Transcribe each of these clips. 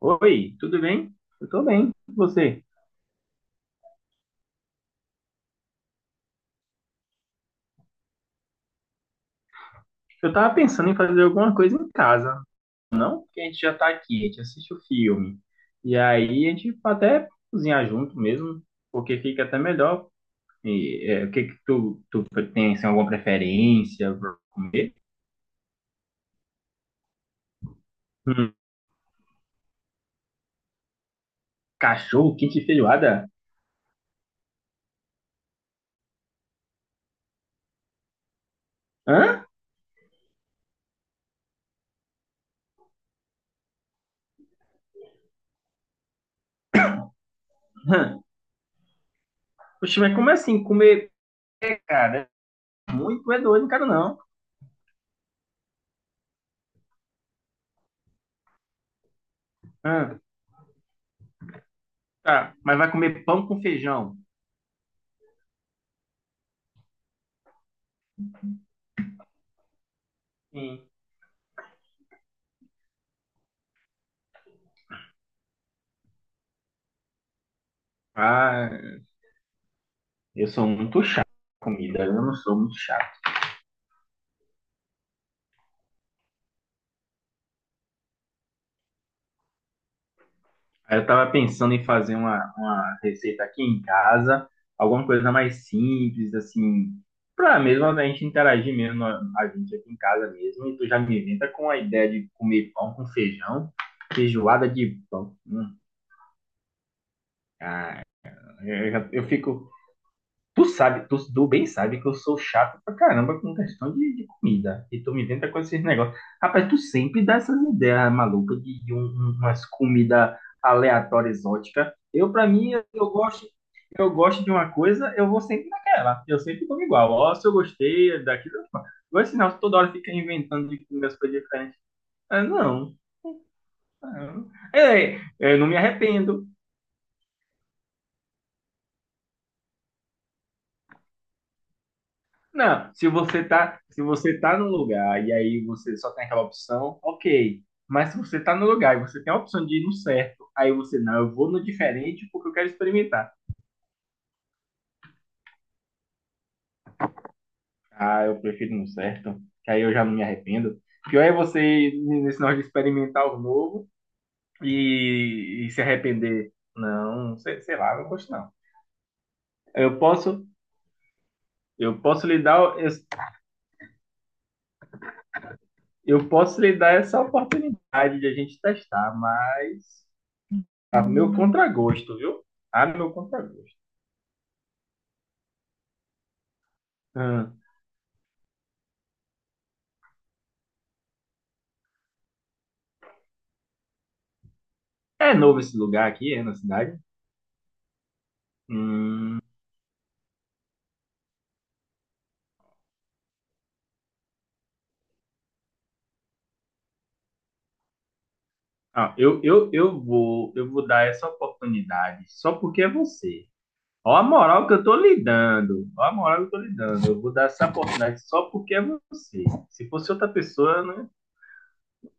Oi, tudo bem? Eu tô bem. E você? Eu tava pensando em fazer alguma coisa em casa, não? Porque a gente já tá aqui, a gente assiste o filme. E aí a gente pode até cozinhar junto mesmo, porque fica até melhor. E o que que tu tem assim, alguma preferência pra comer? Hum, cachorro, quente e feijoada? Hã? Hã? Poxa, mas como assim? Comer, cara, muito é doido, não quero não. Hã? Tá, mas vai comer pão com feijão? Sim. Ah, eu sou muito chato com comida, eu não sou muito chato. Aí eu tava pensando em fazer uma receita aqui em casa, alguma coisa mais simples, assim, pra mesmo a gente interagir mesmo, a gente aqui em casa mesmo, e tu já me inventa com a ideia de comer pão com feijão, feijoada de pão. Cara. Eu, já- eu fico Tu sabe, tu bem sabe que eu sou chato pra caramba com questão de comida. E tu me inventa com esses negócios. Rapaz, tu sempre dá essas ideias malucas de umas comidas aleatórias, exóticas. Eu, pra mim, eu gosto de uma coisa, eu vou sempre naquela. Eu sempre como igual. Ó, se eu gostei daquilo, eu como. Agora, se não, toda hora fica inventando de comer as coisas diferentes. Ah, não. Ah, não. É, é, eu não me arrependo. Não, se você tá no lugar e aí você só tem aquela opção, ok. Mas se você tá no lugar e você tem a opção de ir no certo, aí você, não, eu vou no diferente porque eu quero experimentar. Ah, eu prefiro no certo, que aí eu já não me arrependo. Pior é você ir nesse negócio de experimentar algo novo e se arrepender. Não, sei lá, eu não gosto não. Eu posso, eu posso lhe dar, eu posso lhe dar essa oportunidade de a gente testar, mas a meu contragosto, viu? A meu contragosto. Hum. É novo esse lugar aqui, é na cidade? Hum. Ah, eu vou dar essa oportunidade só porque é você. Ó a moral que eu tô lhe dando. Ó a moral que eu tô lhe dando. Eu vou dar essa oportunidade só porque é você. Se fosse outra pessoa, né?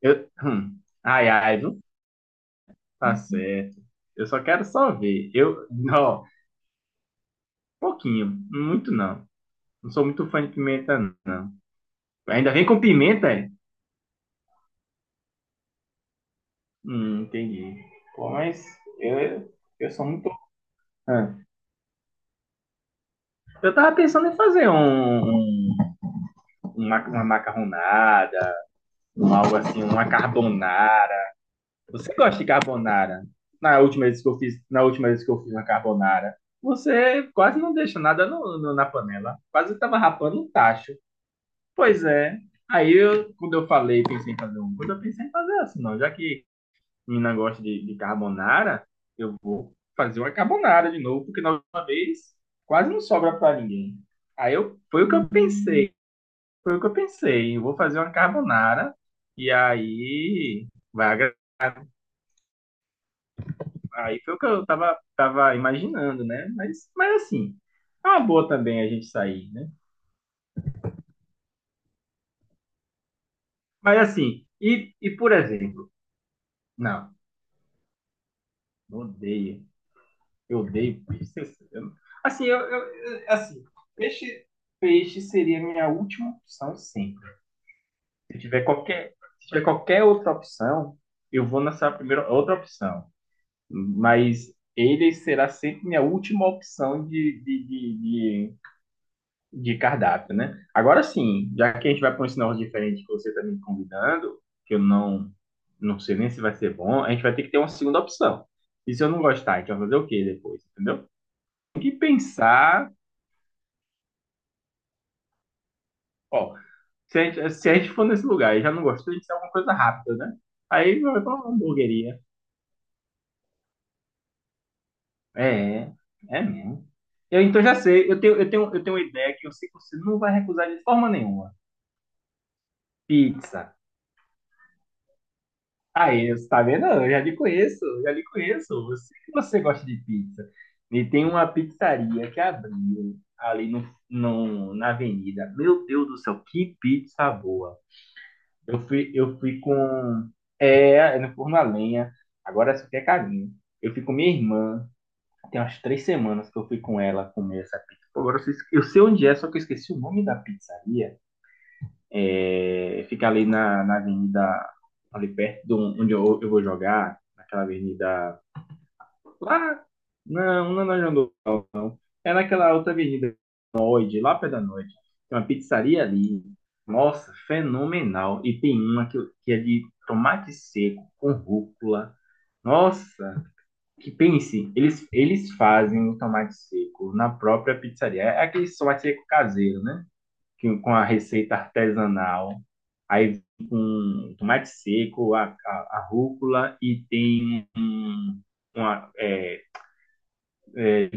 Ai, ai, não tá certo. Eu só quero só ver. Eu, não, pouquinho, muito não. Não sou muito fã de pimenta, não. Ainda vem com pimenta, é? Entendi. Pô, mas eu, eu sou muito. Ah, eu tava pensando em fazer uma macarronada, algo assim, uma carbonara. Você gosta de carbonara? Na última vez que eu fiz, uma carbonara, você quase não deixa nada no, na panela. Quase tava rapando um tacho. Pois é. Aí eu, quando eu falei, pensei em fazer um, quando eu pensei em fazer assim, não, já que menina gosta de carbonara, eu vou fazer uma carbonara de novo, porque na última vez quase não sobra para ninguém. Aí eu, foi o que eu pensei, foi o que eu pensei, eu vou fazer uma carbonara e aí vai agradar. Aí foi o que eu tava imaginando, né? Mas assim, é uma boa também a gente sair, né? Mas assim, e por exemplo, não, odeio. Eu odeio peixe. Assim, assim, peixe, peixe seria a minha última opção sempre. Se tiver qualquer, se tiver qualquer outra opção, eu vou nessa primeira outra opção. Mas ele será sempre minha última opção de cardápio, né? Agora sim, já que a gente vai para um sinal diferente que você está me convidando, que eu não sei nem se vai ser bom, a gente vai ter que ter uma segunda opção. E se eu não gostar, a gente vai fazer o quê depois, entendeu? Tem que pensar. Ó, se a gente for nesse lugar e já não gostou, a gente tem alguma coisa rápida, né? Aí vai pra uma hamburgueria. É, é mesmo. Eu, então já sei, eu tenho uma ideia que eu sei que você não vai recusar de forma nenhuma. Pizza. Aí, você tá vendo? Eu já lhe conheço, eu já lhe conheço. Eu sei que você gosta de pizza. E tem uma pizzaria que abriu ali no, no, na avenida. Meu Deus do céu, que pizza boa! Eu fui com. É, é no forno a lenha. Agora essa aqui é carinho. Eu fui com minha irmã. Tem umas três semanas que eu fui com ela comer essa pizza. Pô, agora eu sei onde é, só que eu esqueci o nome da pizzaria. É, fica ali na avenida, ali perto de onde eu vou jogar, naquela avenida. Lá. Não, não é na João Dourado. É naquela outra avenida, noite, lá perto da noite. Tem uma pizzaria ali. Nossa, fenomenal. E tem uma que é de tomate seco com rúcula. Nossa, que pense, eles fazem o tomate seco na própria pizzaria. É aquele tomate seco caseiro, né? Que, com a receita artesanal. Aí com tomate seco, a rúcula e tem um, uma, é, é,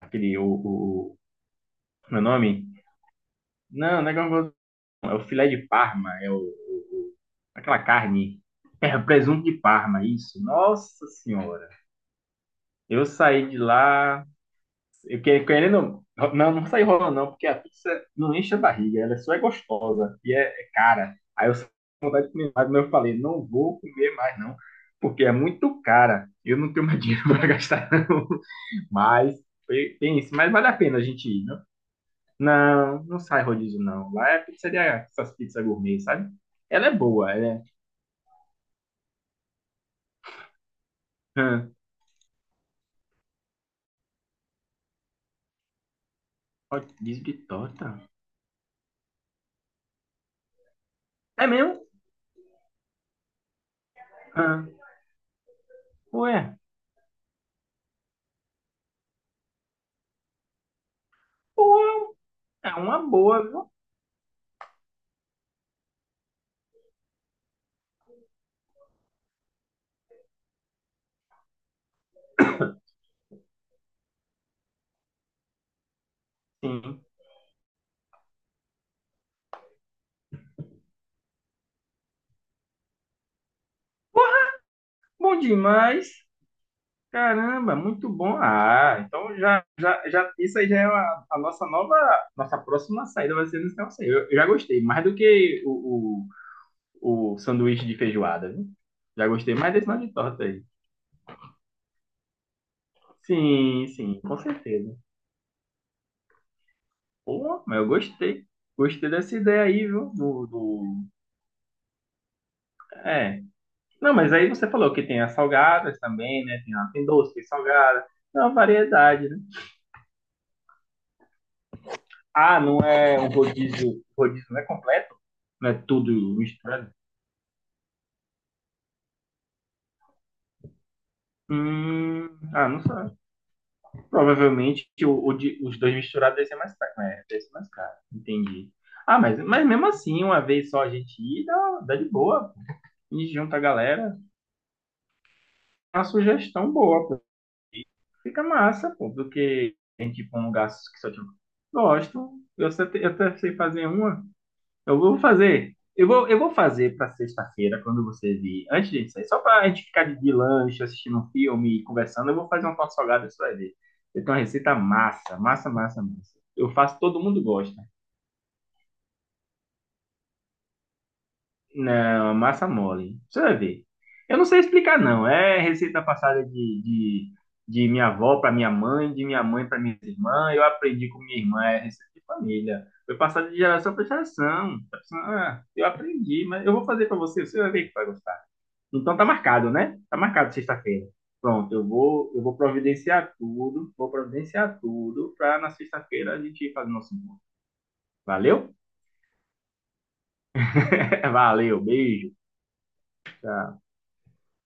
aquele, o, meu nome? Não, não é gorgonzola. É o filé de Parma. Aquela carne. É, o presunto de Parma, isso. Nossa Senhora. Eu saí de lá. Querendo. Não, não saí rolando, não, porque a pizza não enche a barriga. Ela só é gostosa e é cara. Aí eu saí comendo, mas eu falei, não vou comer mais, não. Porque é muito cara. Eu não tenho mais dinheiro para gastar, não. Mas tem isso. Mas vale a pena a gente ir, né? Não, não sai rodízio, não. Lá é pizzaria, essas pizzas gourmet, sabe? Ela é boa, ela é. Hã, rodízio de torta? É mesmo? Hã, ué, pô, é uma boa, viu? Sim. Bom demais. Caramba, muito bom. Ah, então já, isso aí já é a nossa nova, nossa próxima saída vai ser nesse negócio aí. Eu já gostei, mais do que o sanduíche de feijoada, viu? Já gostei mais desse nome de torta aí. Sim, sim, com certeza. Pô, mas eu gostei. Gostei dessa ideia aí, viu? Do... É. Não, mas aí você falou que tem as salgadas também, né? Tem doce, tem salgada. É uma variedade, né? Ah, não é um rodízio. Rodízio não é completo? Não é tudo misturado? Hum, ah, não sei. Provavelmente os dois misturados deve ser mais caro, né? Deve ser mais caro. Entendi. Ah, mas mesmo assim, uma vez só a gente ir, dá de boa. A gente junta a galera. É uma sugestão boa. Fica massa, pô, do que em tipo um lugar que só tinha. Gosto. Eu até sei fazer uma. Eu vou fazer. Eu vou fazer pra sexta-feira, quando você vir. Antes de gente sair, só pra gente ficar de lanche, assistindo um filme e conversando, eu vou fazer uma torta salgada, você vai ver. Eu tenho uma receita massa, massa, massa, massa. Eu faço, todo mundo gosta. Não, é massa mole. Você vai ver. Eu não sei explicar, não. É receita passada de minha avó para minha mãe, de minha mãe para minha irmã. Eu aprendi com minha irmã, é receita de família. Foi passada de geração para geração. Ah, eu aprendi, mas eu vou fazer para você, você vai ver que vai gostar. Então tá marcado, né? Tá marcado sexta-feira. Pronto, eu vou providenciar tudo, vou providenciar tudo para na sexta-feira a gente fazer nosso encontro. Valeu? Valeu, beijo. Tchau.